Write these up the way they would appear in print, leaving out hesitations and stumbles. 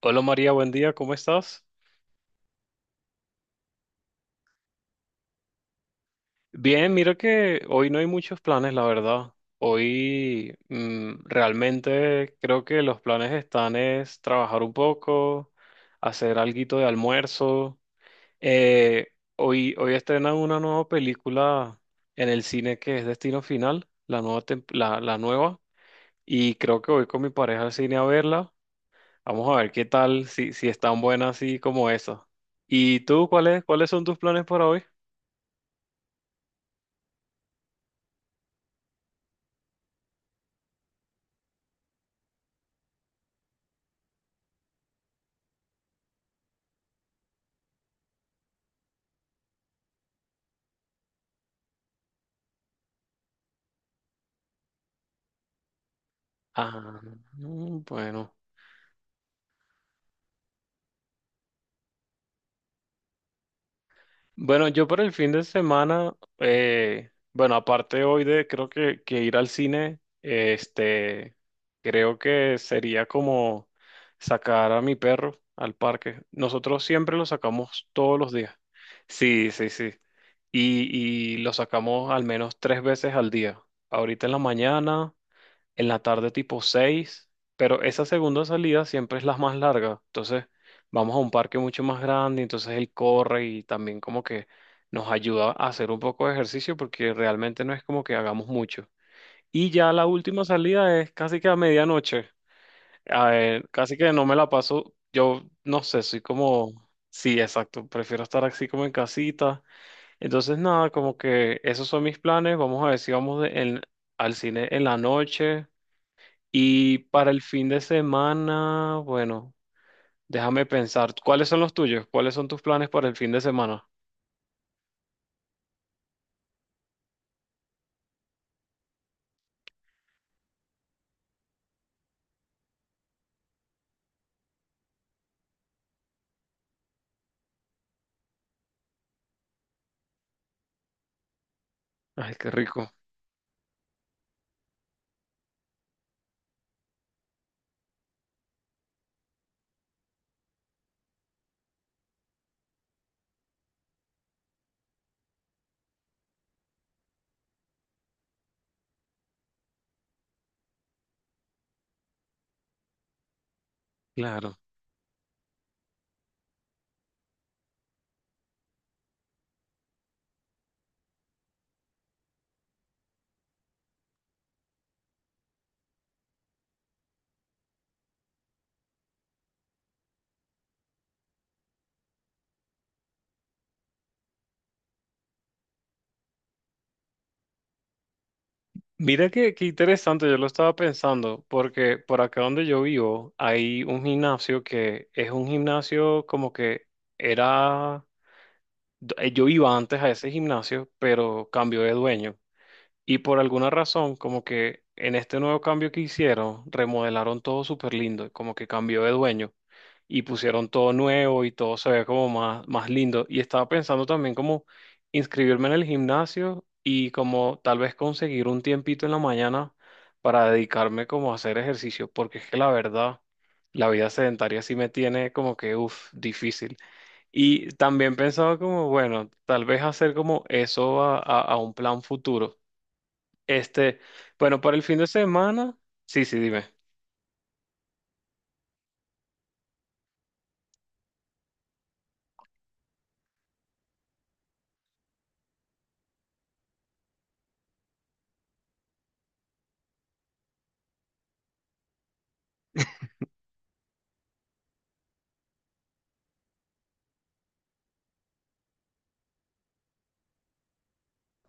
Hola María, buen día, ¿cómo estás? Bien, mira que hoy no hay muchos planes, la verdad. Hoy realmente creo que los planes están es trabajar un poco, hacer alguito de almuerzo. Hoy estrenan una nueva película en el cine que es Destino Final, la nueva, la nueva. Y creo que voy con mi pareja al cine a verla. Vamos a ver qué tal, si es tan buena así como esa. ¿Y tú, cuáles son tus planes para hoy? Ah, mm, bueno. Bueno, yo por el fin de semana, bueno, aparte hoy de creo que ir al cine, creo que sería como sacar a mi perro al parque. Nosotros siempre lo sacamos todos los días. Sí, sí, sí. Y lo sacamos al menos tres veces al día. Ahorita en la mañana. En la tarde tipo 6, pero esa segunda salida siempre es la más larga. Entonces, vamos a un parque mucho más grande, entonces él corre y también como que nos ayuda a hacer un poco de ejercicio porque realmente no es como que hagamos mucho. Y ya la última salida es casi que a medianoche. A ver, casi que no me la paso, yo no sé, soy como. Sí, exacto, prefiero estar así como en casita. Entonces, nada, como que esos son mis planes. Vamos a ver si al cine en la noche. Y para el fin de semana, bueno, déjame pensar, ¿cuáles son los tuyos? ¿Cuáles son tus planes para el fin de semana? Ay, qué rico, claro. Mira qué interesante, yo lo estaba pensando, porque por acá donde yo vivo hay un gimnasio que es un gimnasio como que era, yo iba antes a ese gimnasio, pero cambió de dueño. Y por alguna razón, como que en este nuevo cambio que hicieron, remodelaron todo súper lindo, como que cambió de dueño y pusieron todo nuevo y todo se ve como más, más lindo. Y estaba pensando también como inscribirme en el gimnasio y como tal vez conseguir un tiempito en la mañana para dedicarme como a hacer ejercicio, porque es que la verdad, la vida sedentaria sí me tiene como que, uff, difícil. Y también pensaba como, bueno, tal vez hacer como eso a un plan futuro. Este, bueno, para el fin de semana, sí, sí, dime.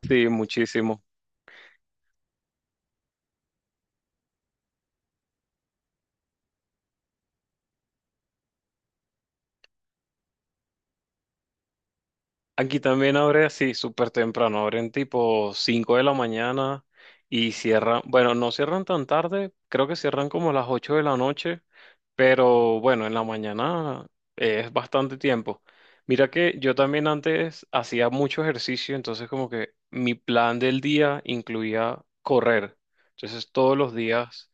Sí, muchísimo. Aquí también abre así súper temprano, abren tipo 5 de la mañana y cierran, bueno, no cierran tan tarde, creo que cierran como a las 8 de la noche, pero bueno, en la mañana es bastante tiempo. Mira que yo también antes hacía mucho ejercicio, entonces como que mi plan del día incluía correr. Entonces todos los días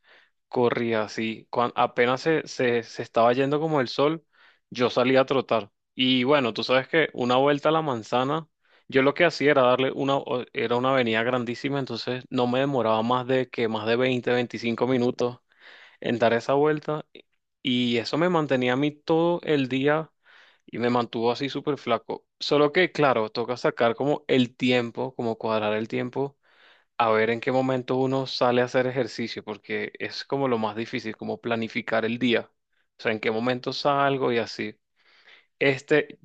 corría así, cuando apenas se estaba yendo como el sol, yo salía a trotar. Y bueno, tú sabes que una vuelta a la manzana, yo lo que hacía era darle una, era una avenida grandísima, entonces no me demoraba más de 20-25 minutos en dar esa vuelta. Y eso me mantenía a mí todo el día y me mantuvo así súper flaco. Solo que, claro, toca sacar como el tiempo, como cuadrar el tiempo, a ver en qué momento uno sale a hacer ejercicio, porque es como lo más difícil, como planificar el día. O sea, en qué momento salgo y así. Este,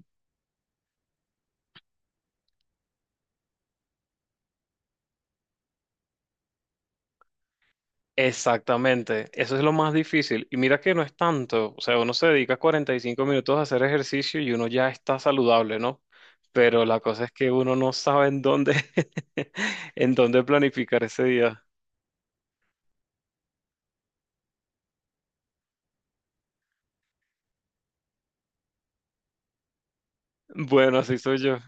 Exactamente, eso es lo más difícil. Y mira que no es tanto, o sea, uno se dedica 45 minutos a hacer ejercicio y uno ya está saludable, ¿no? Pero la cosa es que uno no sabe en dónde, en dónde planificar ese día. Bueno, así soy yo.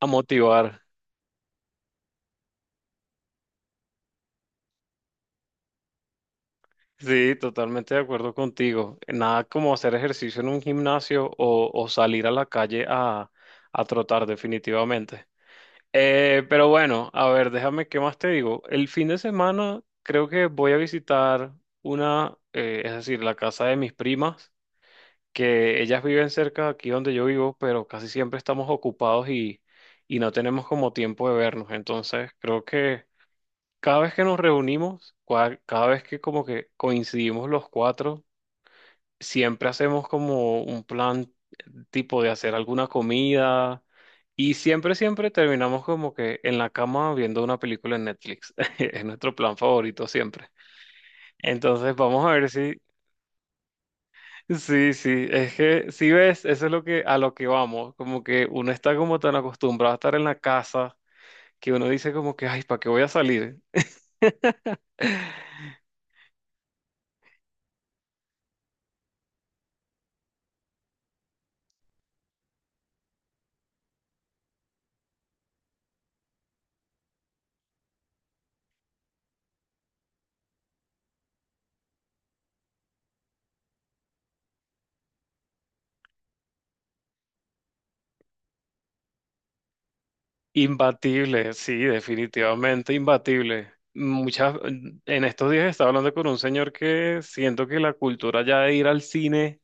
A motivar. Sí, totalmente de acuerdo contigo. Nada como hacer ejercicio en un gimnasio o salir a la calle a trotar definitivamente. Pero bueno, a ver, déjame, ¿qué más te digo? El fin de semana creo que voy a visitar una, es decir, la casa de mis primas, que ellas viven cerca de aquí donde yo vivo, pero casi siempre estamos ocupados y no tenemos como tiempo de vernos. Entonces, creo que cada vez que nos reunimos, cada vez que como que coincidimos los cuatro, siempre hacemos como un plan tipo de hacer alguna comida y siempre terminamos como que en la cama viendo una película en Netflix. Es nuestro plan favorito siempre. Entonces vamos a ver si, sí, sí, es que si ves, eso es lo que a lo que vamos, como que uno está como tan acostumbrado a estar en la casa que uno dice como que, ay, ¿para qué voy a salir? Imbatible, sí, definitivamente imbatible. Muchas, en estos días estaba hablando con un señor que siento que la cultura ya de ir al cine,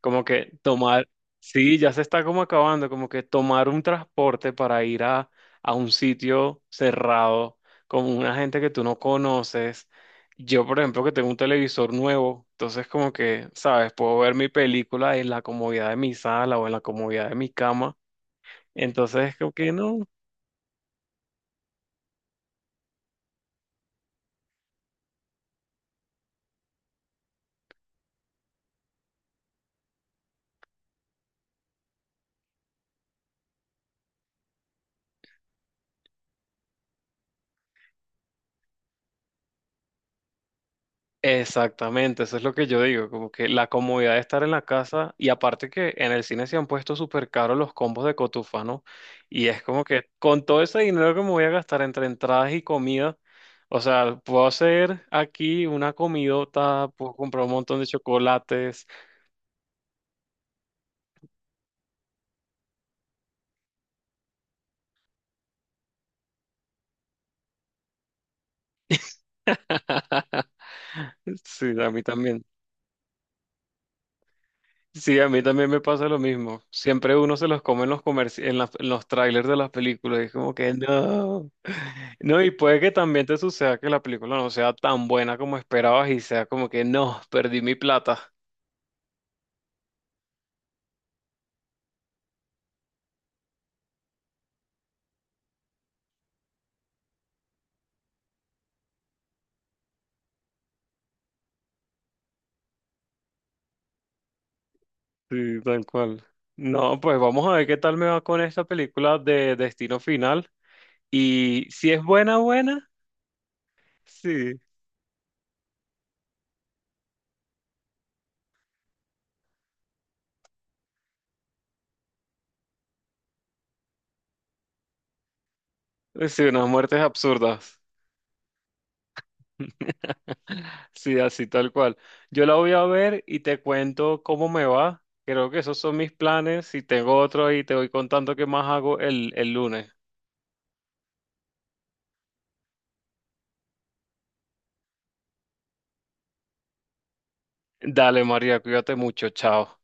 como que tomar, sí, ya se está como acabando, como que tomar un transporte para ir a un sitio cerrado con una gente que tú no conoces. Yo, por ejemplo, que tengo un televisor nuevo, entonces como que, ¿sabes? Puedo ver mi película en la comodidad de mi sala o en la comodidad de mi cama. Entonces, como que no. Exactamente, eso es lo que yo digo, como que la comodidad de estar en la casa y aparte que en el cine se han puesto súper caros los combos de cotufa, ¿no? Y es como que con todo ese dinero que me voy a gastar entre entradas y comida, o sea, puedo hacer aquí una comidota, puedo comprar un montón de chocolates. Sí, a mí también. Sí, a mí también me pasa lo mismo. Siempre uno se los come en los en los trailers de las películas. Y es como que no. No, y puede que también te suceda que la película no sea tan buena como esperabas y sea como que no, perdí mi plata. Sí, tal cual. No, pues vamos a ver qué tal me va con esta película de Destino Final. Y si es buena, buena, sí. Sí, unas muertes absurdas. Sí, así tal cual. Yo la voy a ver y te cuento cómo me va. Creo que esos son mis planes. Si tengo otro ahí, te voy contando qué más hago el lunes. Dale, María, cuídate mucho. Chao.